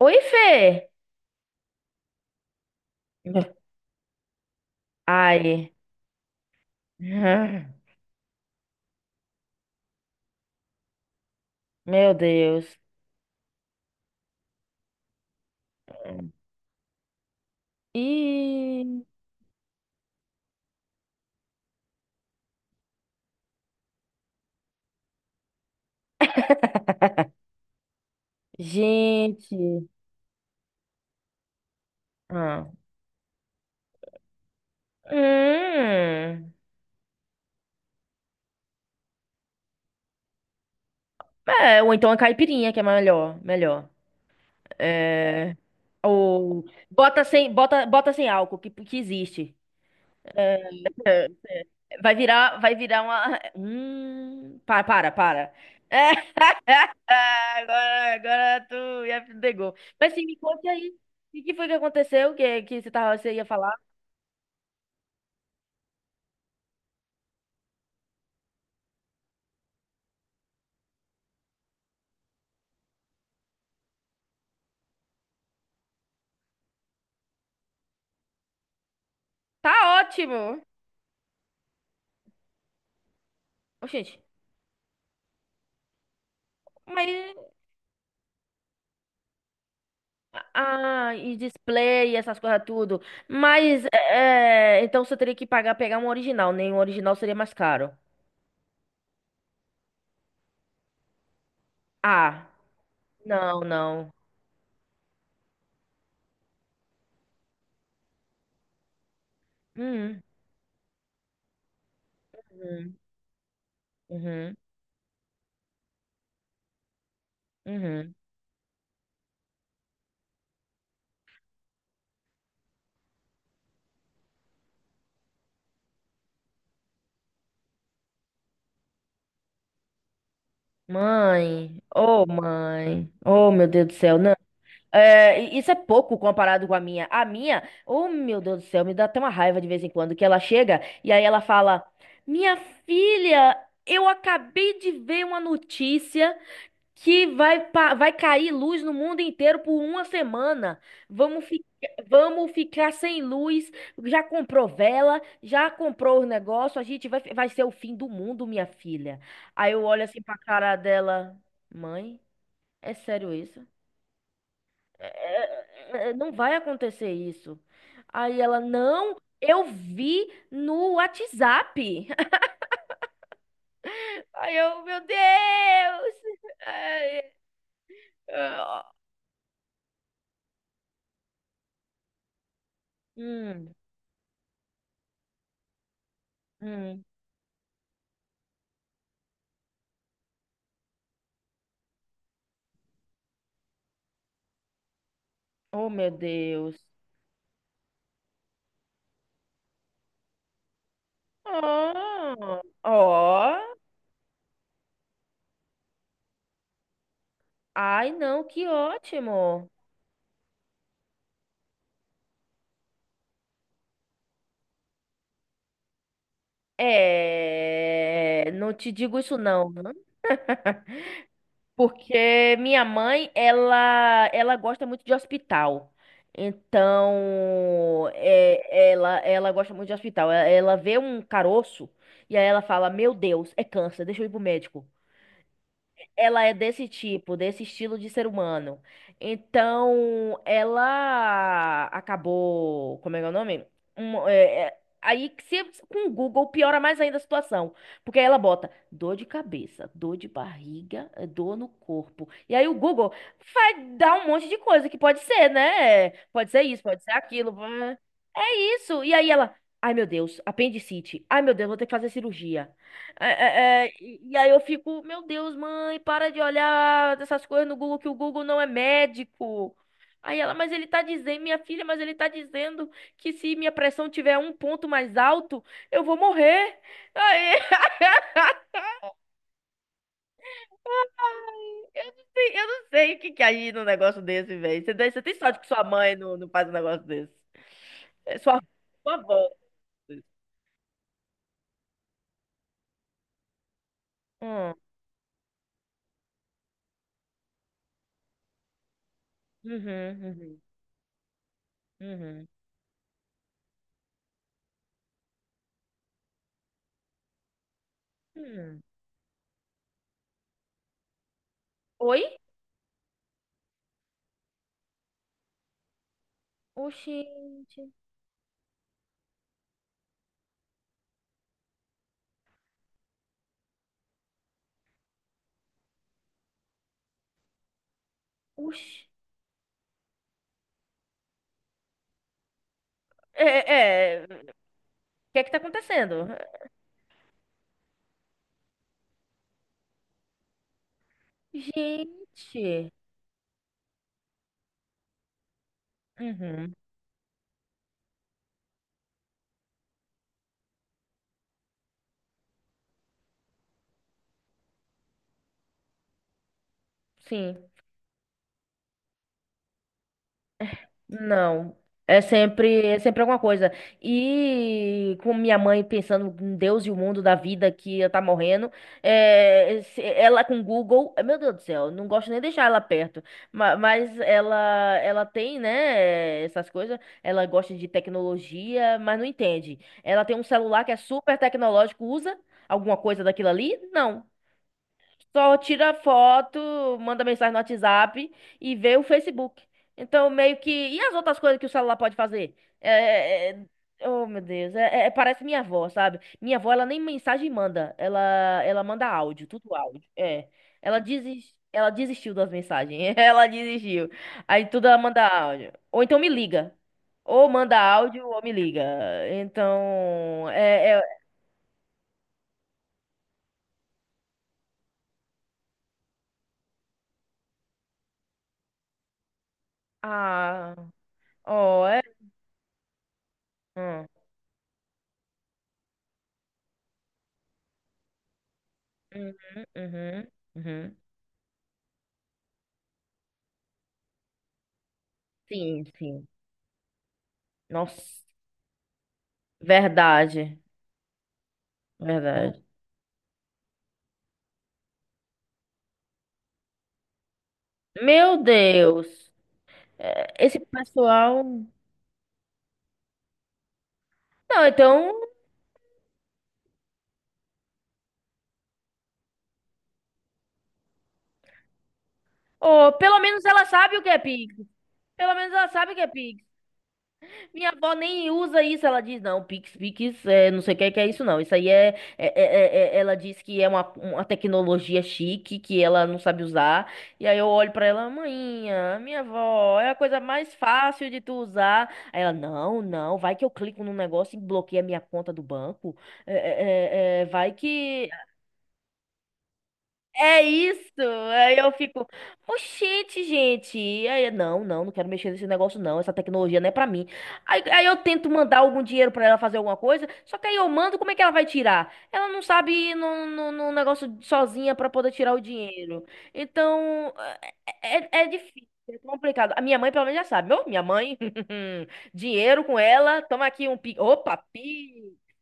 Oi, Fê! Uhum. Ai, meu Deus. Ih, gente. Ah. Hum. É, ou então a caipirinha, que é melhor. Melhor. É, ou bota sem, bota sem álcool, que existe. É, vai virar uma. Para. Agora tu já pegou. Mas sim, me conte aí. O que foi que aconteceu? Que você, tava, você ia falar? Tá ótimo! Oxente, mas. Ah, e display, essas coisas tudo. Mas, então você teria que pagar, pegar um original, nem um original seria mais caro. Ah, não, não. Hum, hum, uhum, uhum. Mãe, ô mãe, oh meu Deus do céu, não. É, e isso é pouco comparado com a minha. A minha, oh meu Deus do céu, me dá até uma raiva de vez em quando que ela chega e aí ela fala: Minha filha, eu acabei de ver uma notícia que vai, vai cair luz no mundo inteiro por uma semana. Vamos ficar. Vamos ficar sem luz. Já comprou vela, já comprou o negócio. A gente vai ser o fim do mundo, minha filha. Aí eu olho assim pra cara dela: Mãe, é sério isso? é, não vai acontecer isso. Aí ela, não, eu vi no WhatsApp. Aí eu, meu Deus! Ai, ah. Hum, hum. Oh, meu Deus. Oh, oh. Ai, não, que ótimo. É, não te digo isso não. Porque minha mãe, ela gosta muito de hospital. Então, é, ela gosta muito de hospital. Ela vê um caroço e aí ela fala: Meu Deus, é câncer, deixa eu ir pro médico. Ela é desse tipo, desse estilo de ser humano. Então, ela acabou. Como é que é o nome? Um, é, é, aí, que se, com o Google, piora mais ainda a situação. Porque aí ela bota dor de cabeça, dor de barriga, dor no corpo. E aí o Google vai dar um monte de coisa que pode ser, né? Pode ser isso, pode ser aquilo. Isso. E aí ela, ai meu Deus, apendicite. Ai meu Deus, vou ter que fazer cirurgia. Aí eu fico, meu Deus, mãe, para de olhar essas coisas no Google, que o Google não é médico. Aí ela, mas ele tá dizendo, minha filha, mas ele tá dizendo que se minha pressão tiver um ponto mais alto, eu vou morrer. Aí, eu não sei o que que é aí num negócio desse, velho. Você tem sorte que sua mãe não faz um negócio desse. É sua avó. Hum, uhum, uhum, uhum. Hum. Oi? Oxente. Oxi. É, o que é que tá acontecendo? Gente. Uhum, sim. Não. É sempre alguma coisa. E com minha mãe pensando em Deus e o mundo da vida que ela tá morrendo, ela com Google, meu Deus do céu, não gosto nem de deixar ela perto. Mas ela tem, né, essas coisas. Ela gosta de tecnologia, mas não entende. Ela tem um celular que é super tecnológico, usa alguma coisa daquilo ali? Não. Só tira foto, manda mensagem no WhatsApp e vê o Facebook. Então, meio que. E as outras coisas que o celular pode fazer? É... é- é, oh, meu Deus. Parece minha avó, sabe? Minha avó, ela nem mensagem manda. Ela manda áudio, tudo áudio. É. Ela desistiu das mensagens. Ela desistiu. Aí tudo ela manda áudio. Ou então me liga. Ou manda áudio ou me liga. Então. Ah. Oh, é. Hum. Uhum, uhum, uhum. Sim, sim. Nossa, verdade, verdade. Meu Deus, é, esse pessoal. Não, então, ó, pelo menos ela sabe o que é Pix. Pelo menos ela sabe o que é Pix. Minha avó nem usa isso. Ela diz, não, Pix, Pix, é, não sei o que é isso, não. Isso aí ela diz que é uma tecnologia chique que ela não sabe usar. E aí eu olho pra ela, maninha, minha avó, é a coisa mais fácil de tu usar. Aí ela, não, vai que eu clico num negócio e bloqueia a minha conta do banco. Vai que. É isso. Aí eu fico, oxente, gente. E aí, não quero mexer nesse negócio, não. Essa tecnologia não é pra mim. Aí eu tento mandar algum dinheiro pra ela fazer alguma coisa, só que aí eu mando, como é que ela vai tirar? Ela não sabe ir num negócio sozinha pra poder tirar o dinheiro. Então, é difícil. É complicado. A minha mãe, pelo menos, já sabe. Minha mãe, dinheiro com ela, toma aqui um pi. Opa, pi.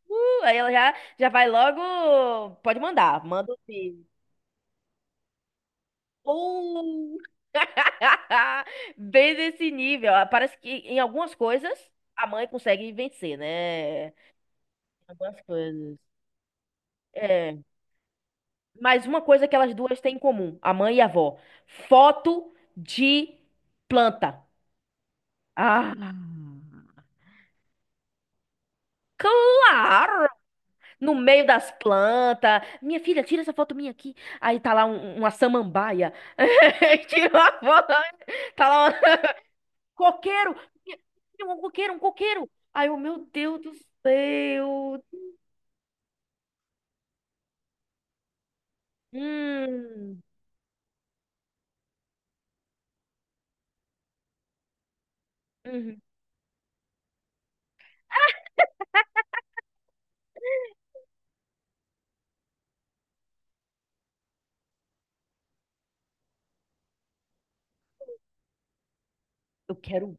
Aí ela já, já vai logo. Pode mandar, manda o pi. Uh! Bem nesse nível. Ah, parece que em algumas coisas a mãe consegue vencer, né? Em algumas coisas. É. Mas uma coisa que elas duas têm em comum, a mãe e a avó: foto de planta. Ah, claro! No meio das plantas. Minha filha, tira essa foto minha aqui. Aí tá lá uma samambaia. Tira uma foto. Tá lá coqueiro! Tinha um coqueiro, um coqueiro! Aí eu, meu Deus do céu! Hum, uhum. Eu quero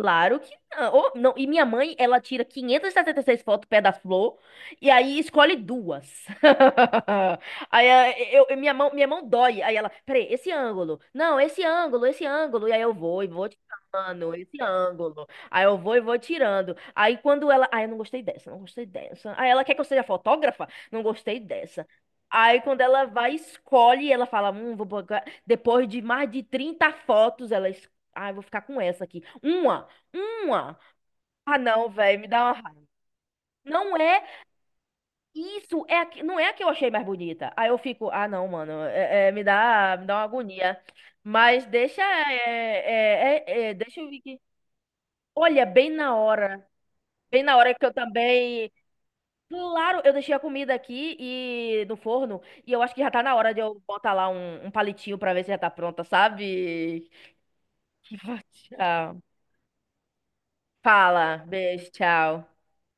claro que não. Ô, não. E minha mãe, ela tira 576 fotos pé da flor e aí escolhe duas. Aí minha mão dói. Aí ela, peraí, esse ângulo. Não, esse ângulo. E aí eu vou e vou tirando esse ângulo. Aí eu vou e vou tirando. Aí quando ela, aí eu não gostei dessa, não gostei dessa. Aí ela quer que eu seja fotógrafa? Não gostei dessa. Aí quando ela vai, escolhe, ela fala, vou botar... Depois de mais de 30 fotos, ela ah, eu vou ficar com essa aqui. Uma. Ah, não, velho, me dá uma raiva. Não é isso, é não é a que eu achei mais bonita. Aí eu fico, ah, não, mano, me dá uma agonia. Mas deixa, deixa eu ver aqui. Olha, bem na hora que eu também. Claro, eu deixei a comida aqui e no forno e eu acho que já tá na hora de eu botar lá um palitinho pra ver se já tá pronta, sabe? Que tchau. Fala, beijo, tchau.